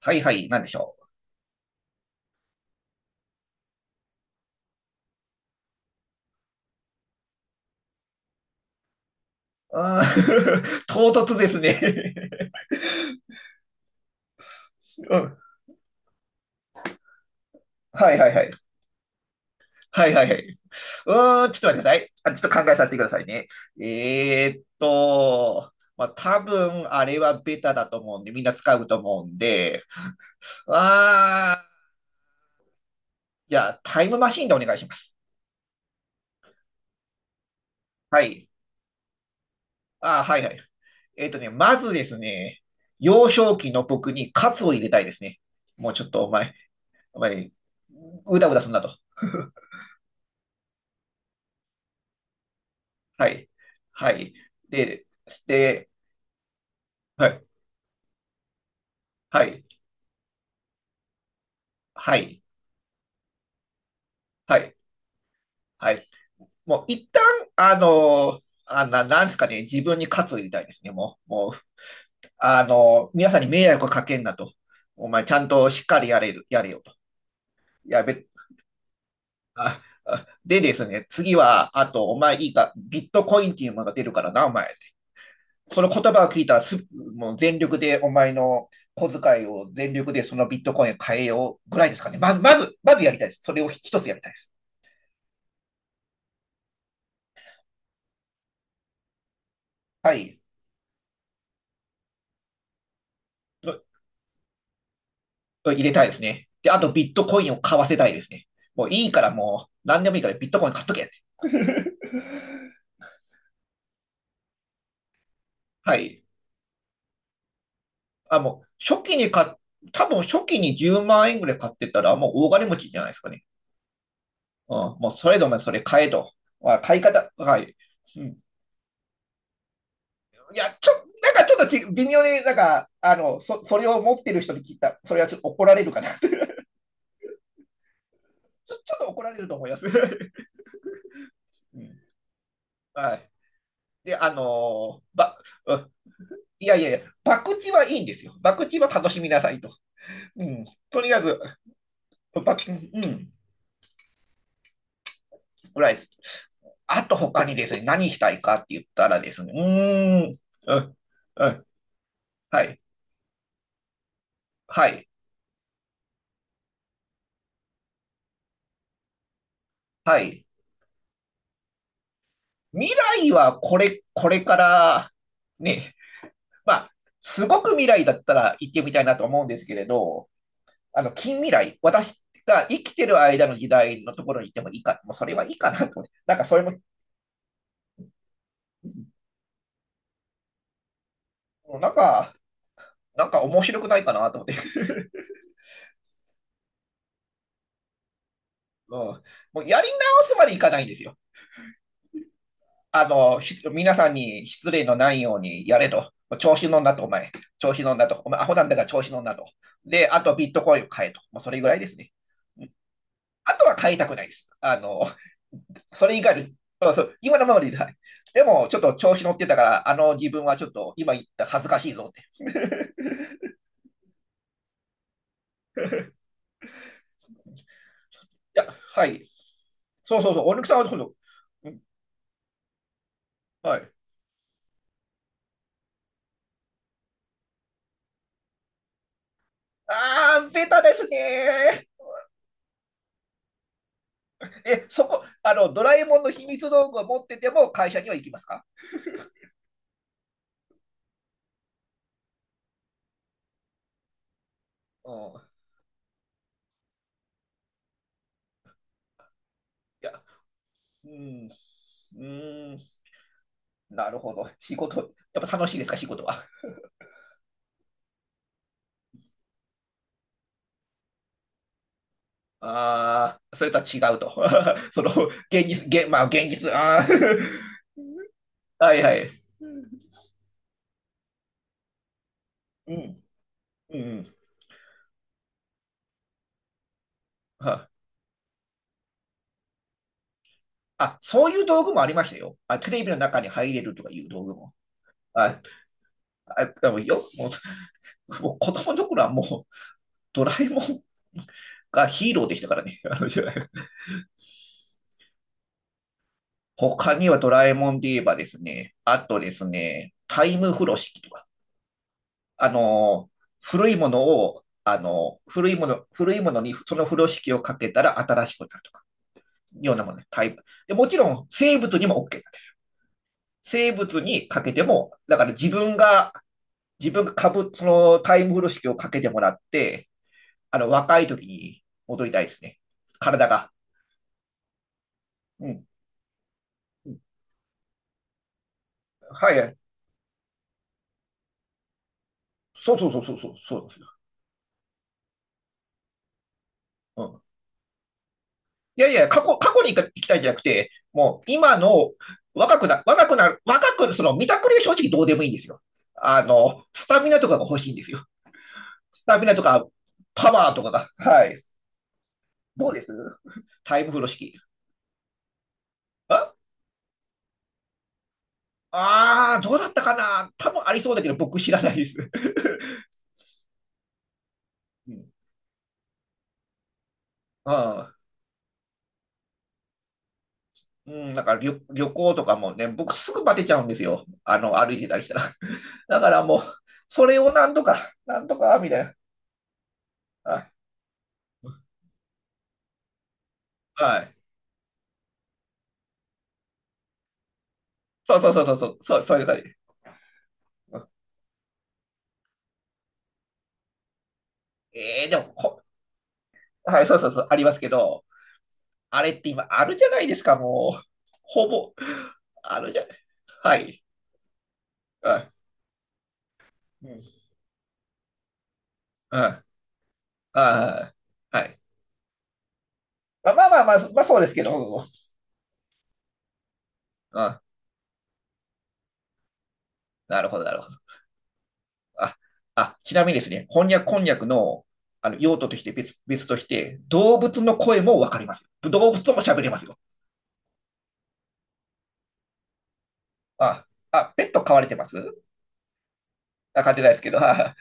はいはい、なんでしょう。あー、 唐突ですね。 うん。はいはいはい。はいはいはい。ちょっと待ってください。あ、ちょっと考えさせてくださいね。えーっと、まあ、多分あれはベタだと思うんで、みんな使うと思うんで、あー、じゃあタイムマシンでお願いします。はい。あー、はいはい。まずですね、幼少期の僕にカツを入れたいですね。もうちょっとお前、お前、うだうだすんなと。はい、はい。で、で、はい、はい、はい、はい、はい。もう一旦、なんですかね、自分に喝を入れたいですね、もう、もう、皆さんに迷惑をかけんなと。お前、ちゃんとしっかりやれる、やれよと。やべ、あ、あでですね、次は、あと、お前いいか、ビットコインっていうものが出るからな、お前。その言葉を聞いたらす、もう全力でお前の小遣いを全力でそのビットコインを変えようぐらいですかね。まず、まず、まずやりたいです。それを一つやりたいです。はい。入れたいですね。で、あとビットコインを買わせたいですね。もういいからもう、何でもいいからビットコイン買っとけって。はい。あ、もう、初期に買っ、多分初期に10万円ぐらい買ってたら、もう大金持ちじゃないですかね。うん。もうそれでもそれ買えと。買い方、はい。いや、なんかちょっとち微妙になんか、それを持ってる人に聞いた、それはちょっと怒られるかな。 ちょ、っと怒られると思います。うん、はい。で、あのーば、いやいやいや、博打はいいんですよ。博打は楽しみなさいと。うん。とりあえず、ば、うん、ぐらいです。あと他にですね、何したいかって言ったらですね、うん、うん、はい、はい、はい。未来はこれから、ね、まあ、すごく未来だったら行ってみたいなと思うんですけれど、近未来、私が生きてる間の時代のところに行ってもいいか、もうそれはいいかなと思って、なんかそれも、もうなんか面白くないかなと思って、うん、もうやり直すまでいかないんですよ。皆さんに失礼のないようにやれと。調子乗んなと、お前。調子乗んなと。お前、アホなんだから調子乗んなと。で、あとビットコインを買えと。もうそれぐらいですね。あとは買いたくないです。それ以外の、あ、そう今のままでいい。はい。でも、ちょっと調子乗ってたから、自分はちょっと今言った恥ずかしいぞって。いや、はい。そうそうそう、おぬくさんは今度、うん、はい。ああ、ベタですねー。え、そこ、ドラえもんの秘密道具を持ってても会社には行きますか？うん。いや、うん。うーん、なるほど。仕事、やっぱ楽しいですか、仕事は。ああ、それとは違うと。その、現実、まあ、現実、ああ、はいはい。うん。うんうん、はあ、そういう道具もありましたよ。あ、テレビの中に入れるとかいう道具も。あ、あ、でもよ、もう子供の頃はもう、ドラえもんがヒーローでしたからね。他にはドラえもんで言えばですね、あとですね、タイム風呂敷とか、あの、古いものを、あの、古いもの、古いものにその風呂敷をかけたら新しくなるとか、ようなものね、タイム。で、もちろん生物にも OK だね。生物にかけても、だから自分がそのタイム風呂式をかけてもらって、若い時に戻りたいですね。体が。うん。うん、はいはい。そうそうそうそうそう、そうですよ。うん。いやいや、過去に行きたいんじゃなくて、もう今の若くなる、その見たくりは正直どうでもいいんですよ。スタミナとかが欲しいんですよ。スタミナとか、パワーとかが。はい。どうです？タイム風呂式。ああー、どうだったかな多分ありそうだけど、僕知らないです。うん、ああ、うん、だから旅行とかもね、僕すぐバテちゃうんですよ。歩いてたりしたら。だからもう、それをなんとか、なんとか、みたいな。あ、はい。そうそうそうそう、そう、そう、そういう感じ。うん、でも、はい、そうそうそう、ありますけど、あれって今、あるじゃないですか、もう。ほぼ、あるじゃない。はい。はい。うん。はい。はい。はい。まあまあまあ、まあ、まあそうですけど、うん。うん、なるほど、なるほど。あ、あ、ちなみにですね、翻訳、こんにゃくの、用途として別として、動物の声もわかりますよ。動物とも喋れますよ。あ、あ、ペット飼われてます？あ、飼ってないですけど、あ、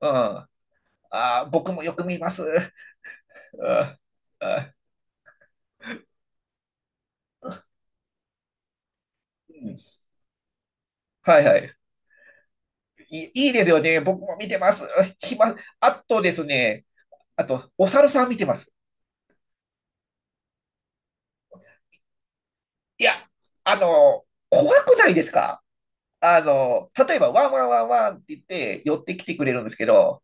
うん。あ、僕もよく見ます。あ、あ、うん。はいはい。いいいですよね。僕も見てます。暇、あとですね、あと、お猿さん見てます。いや、怖くないですか？例えば、ワンワンワンワンって言って寄ってきてくれるんですけど、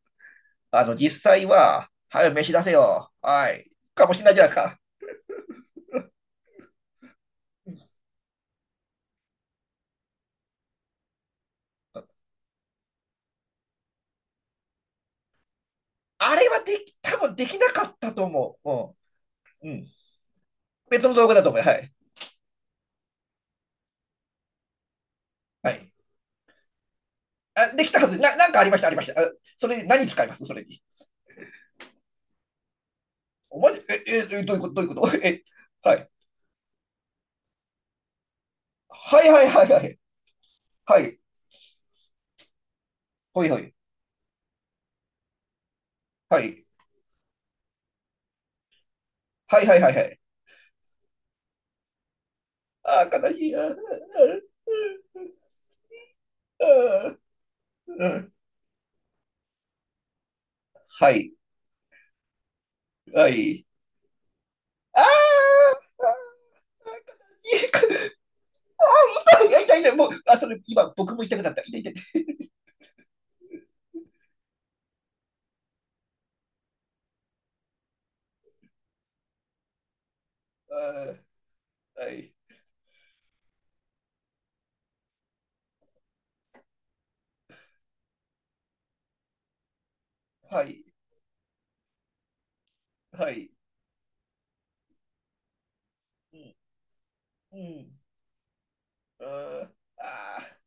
実際は、はい、飯出せよ。はい。かもしれないじゃないですか。あれはでき、多分できなかったと思う。うん。うん、別の道具だと思う。はい。はい。あ、できたはず。なんかありました、ありました。あ、それに何使います？それに。お前、え、どういうこと、どういうこと？ え、はい。はいはいはいはい。はい。ほいほい。はい。はいはいはいはい。あー、悲しい。あーあーあー。 あー、はい。はい。あーあー、悲しい。痛いや痛い痛い、もう、あ、それ、今、僕も痛くなった。痛い痛い。あー、はい、はい、はい。うん、うん。あーあ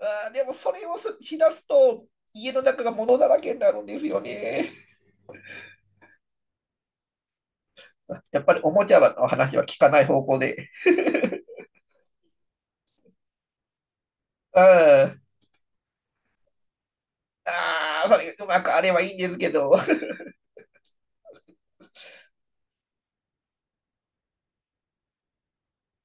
ー、あーでも、それをすしだすと、家の中が物だらけになるんですよね。やっぱりおもちゃの話は聞かない方向で。うん。ああ、それ、うまくあればいいんですけど。